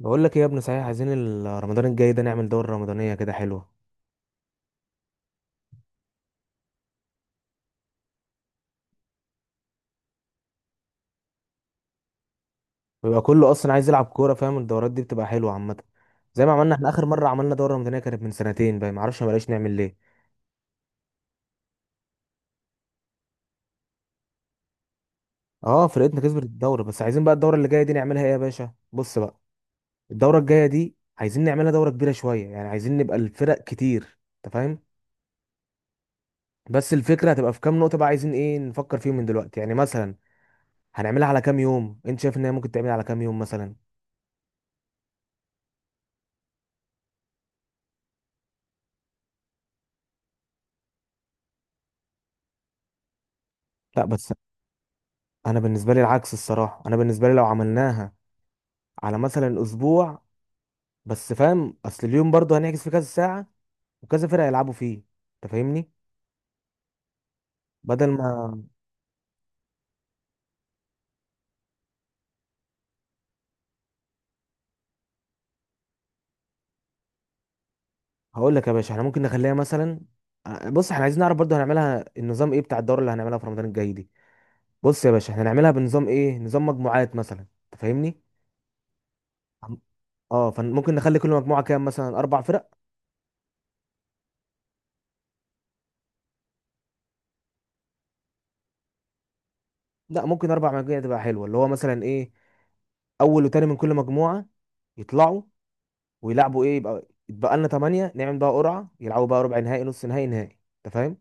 بقول لك ايه يا ابني، صحيح عايزين رمضان الجاي ده نعمل دورة رمضانية كده حلوة. بيبقى كله اصلا عايز يلعب كورة، فاهم؟ الدورات دي بتبقى حلوة عامة. زي ما عملنا احنا اخر مرة، عملنا دورة رمضانية كانت من سنتين بقى، ما اعرفش ما بقاش نعمل ليه. اه، فرقتنا كسبت الدورة. بس عايزين بقى الدورة اللي جاية دي نعملها ايه يا باشا. بص بقى. الدورة الجاية دي عايزين نعملها دورة كبيرة شوية، يعني عايزين نبقى الفرق كتير. انت فاهم؟ بس الفكرة هتبقى في كام نقطة بقى، عايزين ايه نفكر فيهم من دلوقتي يعني، مثلا هنعملها على كام يوم؟ انت شايف ان هي ممكن تعمل على كام يوم مثلا؟ لا بس، انا بالنسبه لي العكس، الصراحه انا بالنسبه لي لو عملناها على مثلا اسبوع، بس فاهم، اصل اليوم برضه هنعكس فيه كذا ساعه وكذا فرقه يلعبوا فيه. انت فاهمني؟ بدل ما، هقول لك يا باشا، احنا ممكن نخليها مثلا. بص، احنا عايزين نعرف برضه هنعملها النظام ايه بتاع الدوره اللي هنعملها في رمضان الجاي دي. بص يا باشا، احنا هنعملها بنظام ايه، نظام مجموعات مثلا، انت فاهمني؟ اه، فممكن نخلي كل مجموعه كام، مثلا اربع فرق. لا، ممكن اربع مجموعات تبقى حلوه، اللي هو مثلا ايه، اول وتاني من كل مجموعه يطلعوا ويلعبوا، ايه يبقى يتبقى لنا 8، نعمل بقى قرعه، يلعبوا بقى ربع نهائي، نص نهائي، نهائي. انت فاهم؟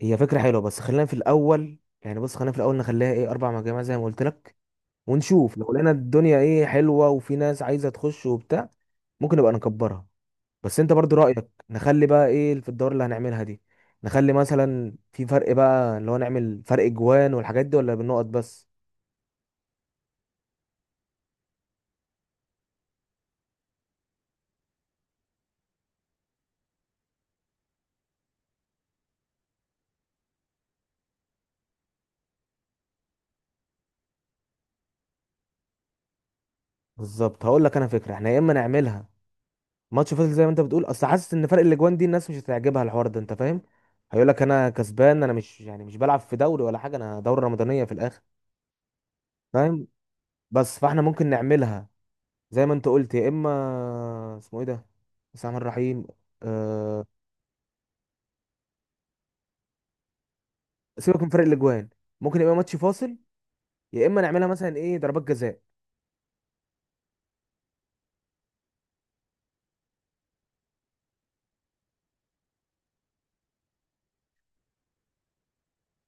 هي فكره حلوه، بس خلينا في الاول يعني، بص خلينا في الاول نخليها ايه اربع مجاميع زي ما قلت لك، ونشوف لو لقينا الدنيا ايه حلوه وفي ناس عايزه تخش وبتاع، ممكن نبقى نكبرها. بس انت برضو رايك نخلي بقى ايه في الدور اللي هنعملها دي، نخلي مثلا في فرق بقى اللي هو نعمل فرق جوان والحاجات دي، ولا بالنقط بس؟ بالظبط، هقول لك انا فكره، احنا يا اما نعملها ماتش فاصل زي ما انت بتقول، اصل حاسس ان فرق الاجوان دي الناس مش هتعجبها الحوار ده، انت فاهم؟ هيقول لك انا كسبان، انا مش يعني مش بلعب في دوري ولا حاجه، انا دوره رمضانيه في الاخر. فاهم؟ بس فاحنا ممكن نعملها زي ما انت قلت، يا اما اسمه ايه ده، بسم الله الرحمن الرحيم، أه... سيبك من فرق الاجوان، ممكن يبقى ماتش فاصل، يا اما نعملها مثلا ايه ضربات جزاء.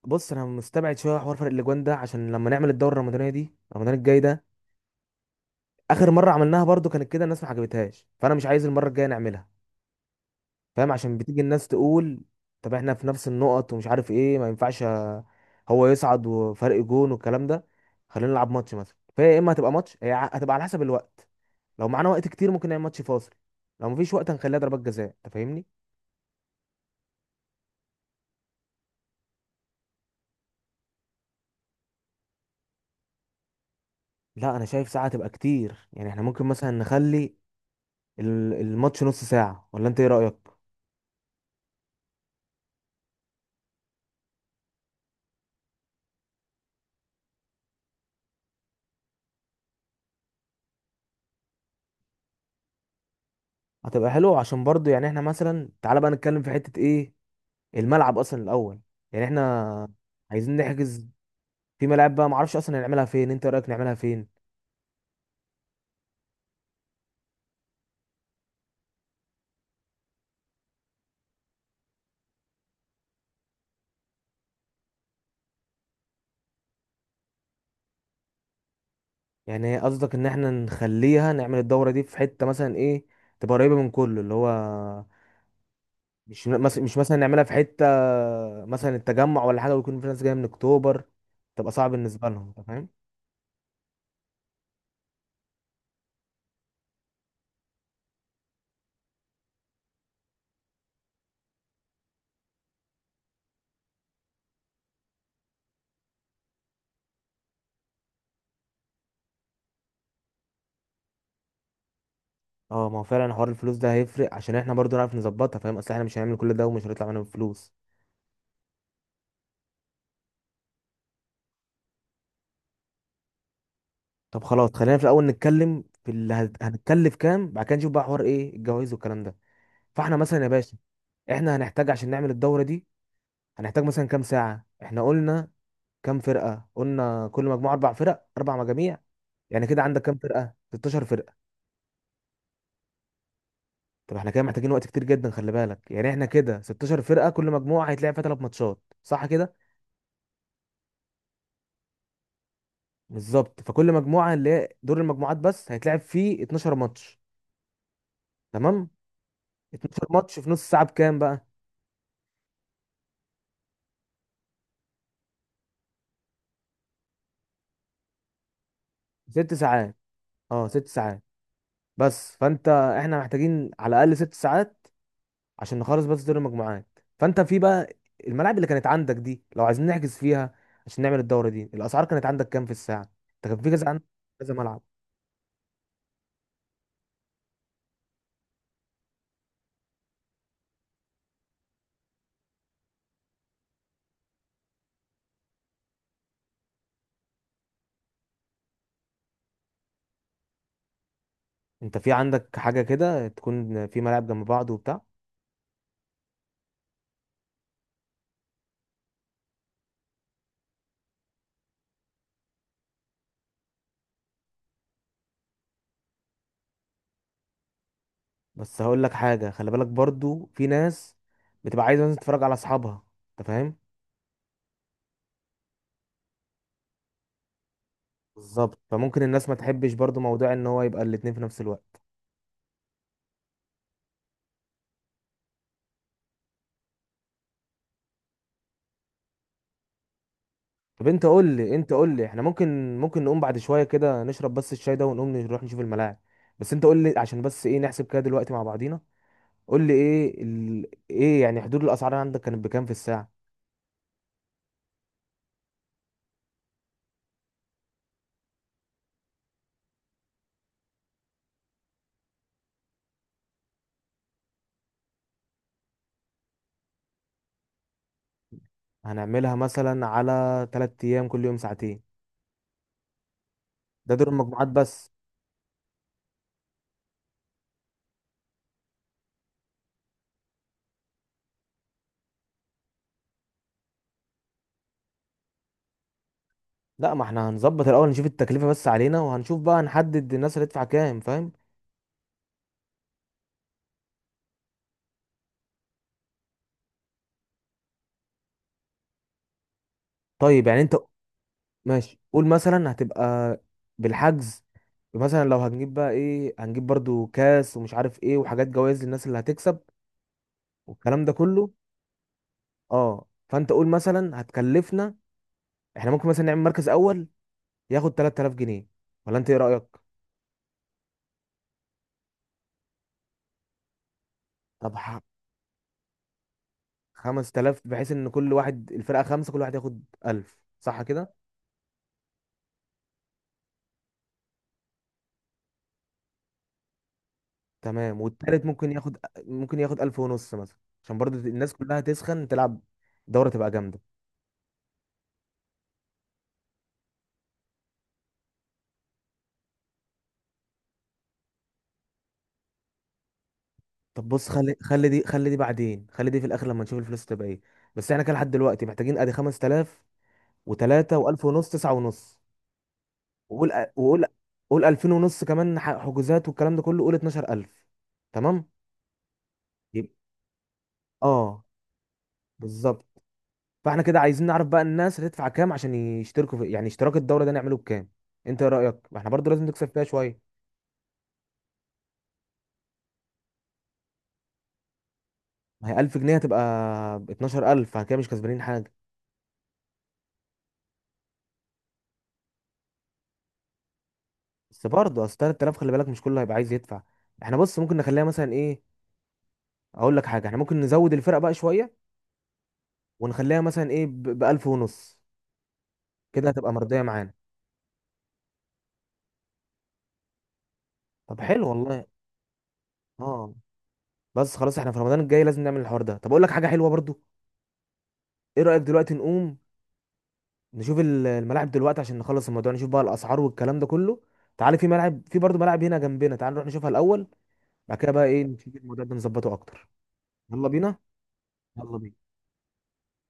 بص، انا مستبعد شويه حوار فرق الاجوان ده، عشان لما نعمل الدوره الرمضانيه دي رمضان الجاي ده، اخر مره عملناها برضو كانت كده، الناس ما عجبتهاش، فانا مش عايز المره الجايه نعملها. فاهم؟ عشان بتيجي الناس تقول، طب احنا في نفس النقط ومش عارف ايه، ما ينفعش هو يصعد وفرق جون والكلام ده. خلينا نلعب ماتش مثلا، فهي يا اما هتبقى ماتش، هي هتبقى على حسب الوقت. لو معانا وقت كتير ممكن نعمل ماتش فاصل، لو مفيش وقت هنخليها ضربات جزاء، انت فاهمني؟ لا، انا شايف ساعه تبقى كتير، يعني احنا ممكن مثلا نخلي الماتش نص ساعه، ولا انت ايه رايك؟ هتبقى حلو عشان برضو يعني. احنا مثلا تعالى بقى نتكلم في حته ايه، الملعب اصلا الاول. يعني احنا عايزين نحجز في ملاعب بقى، معرفش اصلا نعملها فين، انت رايك نعملها فين؟ يعني قصدك ان احنا نخليها نعمل الدوره دي في حته مثلا ايه، تبقى قريبه من كله اللي هو، مش مثلا نعملها في حته مثلا التجمع ولا حاجه، ويكون في ناس جايه من اكتوبر تبقى صعب بالنسبه لهم، انت فاهم؟ اه، ما هو فعلا حوار الفلوس ده هيفرق عشان احنا برضو نعرف نظبطها، فاهم؟ اصل احنا مش هنعمل كل ده ومش هنطلع معانا فلوس. طب خلاص، خلينا في الاول نتكلم في اللي هنتكلف كام، بعد كده نشوف بقى حوار ايه الجواز والكلام ده. فاحنا مثلا يا باشا، احنا هنحتاج عشان نعمل الدوره دي، هنحتاج مثلا كام ساعة. احنا قلنا كام فرقة؟ قلنا كل مجموعة اربع فرق، اربع مجاميع. يعني كده عندك كام فرقة، 16 فرقة. طب احنا كده محتاجين وقت كتير جدا، خلي بالك، يعني احنا كده 16 فرقة، كل مجموعة هيتلعب فيها ثلاث ماتشات، صح كده؟ بالظبط، فكل مجموعة اللي هي دور المجموعات بس هيتلعب فيه 12 ماتش. تمام. 12 ماتش في نص ساعة بكام بقى؟ ست ساعات. اه، ست ساعات. بس فانت احنا محتاجين على الاقل ست ساعات عشان نخلص بس دور المجموعات. فانت في بقى الملاعب اللي كانت عندك دي، لو عايزين نحجز فيها عشان نعمل الدوره دي، الاسعار كانت عندك كام في الساعه؟ انت كان في كذا عندك، كذا ملعب. انت في عندك حاجه كده تكون في ملاعب جنب بعض وبتاع؟ بس هقول لك حاجه، خلي بالك برضو في ناس بتبقى عايزه مثلا تتفرج على اصحابها، انت فاهم؟ بالظبط، فممكن الناس ما تحبش برضو موضوع ان هو يبقى الاتنين في نفس الوقت. طب انت قول لي، احنا ممكن نقوم بعد شويه كده نشرب بس الشاي ده ونقوم نروح نشوف الملاعب. بس انت قول لي عشان بس ايه نحسب كده دلوقتي مع بعضينا. قول لي ايه ايه يعني، حدود الاسعار عندك كانت بكام في الساعه؟ هنعملها مثلا على 3 ايام، كل يوم ساعتين. ده دور المجموعات بس. لا، ما احنا هنظبط الاول، نشوف التكلفه بس علينا، وهنشوف بقى نحدد الناس اللي هتدفع كام، فاهم؟ طيب، يعني انت ماشي، قول مثلا هتبقى بالحجز، مثلا لو هنجيب بقى ايه، هنجيب برضو كاس ومش عارف ايه وحاجات جوائز للناس اللي هتكسب والكلام ده كله. اه، فانت قول مثلا هتكلفنا، احنا ممكن مثلا نعمل مركز اول ياخد 3000 جنيه، ولا انت ايه رأيك؟ طب 5000، بحيث ان كل واحد الفرقة خمسة، كل واحد ياخد 1000، صح كده؟ تمام. والتالت ممكن ياخد، ممكن ياخد 1000 ونص مثلا، عشان برضو الناس كلها تسخن تلعب، دورة تبقى جامدة. طب بص، خلي دي، خلي دي بعدين، خلي دي في الاخر لما نشوف الفلوس تبقى ايه. بس احنا كده لحد دلوقتي محتاجين ادي 5000 و3 و1000 ونص، 9 ونص. وقول قول 2000 ونص كمان حجوزات والكلام ده كله، قول 12000. تمام، يبقى اه، بالظبط. فاحنا كده عايزين نعرف بقى الناس هتدفع كام عشان يشتركوا في يعني اشتراك الدوره ده نعمله بكام؟ انت ايه رايك، ما احنا برضو لازم نكسب فيها شويه. ما هي 1000 جنيه هتبقى 12000، فاحنا كده مش كسبانين حاجه. بس برضه اصل 3000، خلي بالك مش كله هيبقى عايز يدفع. احنا بص، ممكن نخليها مثلا ايه، اقول لك حاجه، احنا ممكن نزود الفرق بقى شويه ونخليها مثلا ايه ب 1000 ونص. كده هتبقى مرضيه معانا. طب حلو والله. اه، بس خلاص احنا في رمضان الجاي لازم نعمل الحوار ده. طب اقول لك حاجه حلوه برضو، ايه رايك دلوقتي نقوم نشوف الملاعب دلوقتي، عشان نخلص الموضوع، نشوف بقى الاسعار والكلام ده كله. تعالى في ملعب، في برضو ملعب هنا جنبنا، تعالى نروح نشوفها الاول، بعد كده بقى ايه نشوف الموضوع ده نظبطه اكتر. يلا بينا، يلا بينا.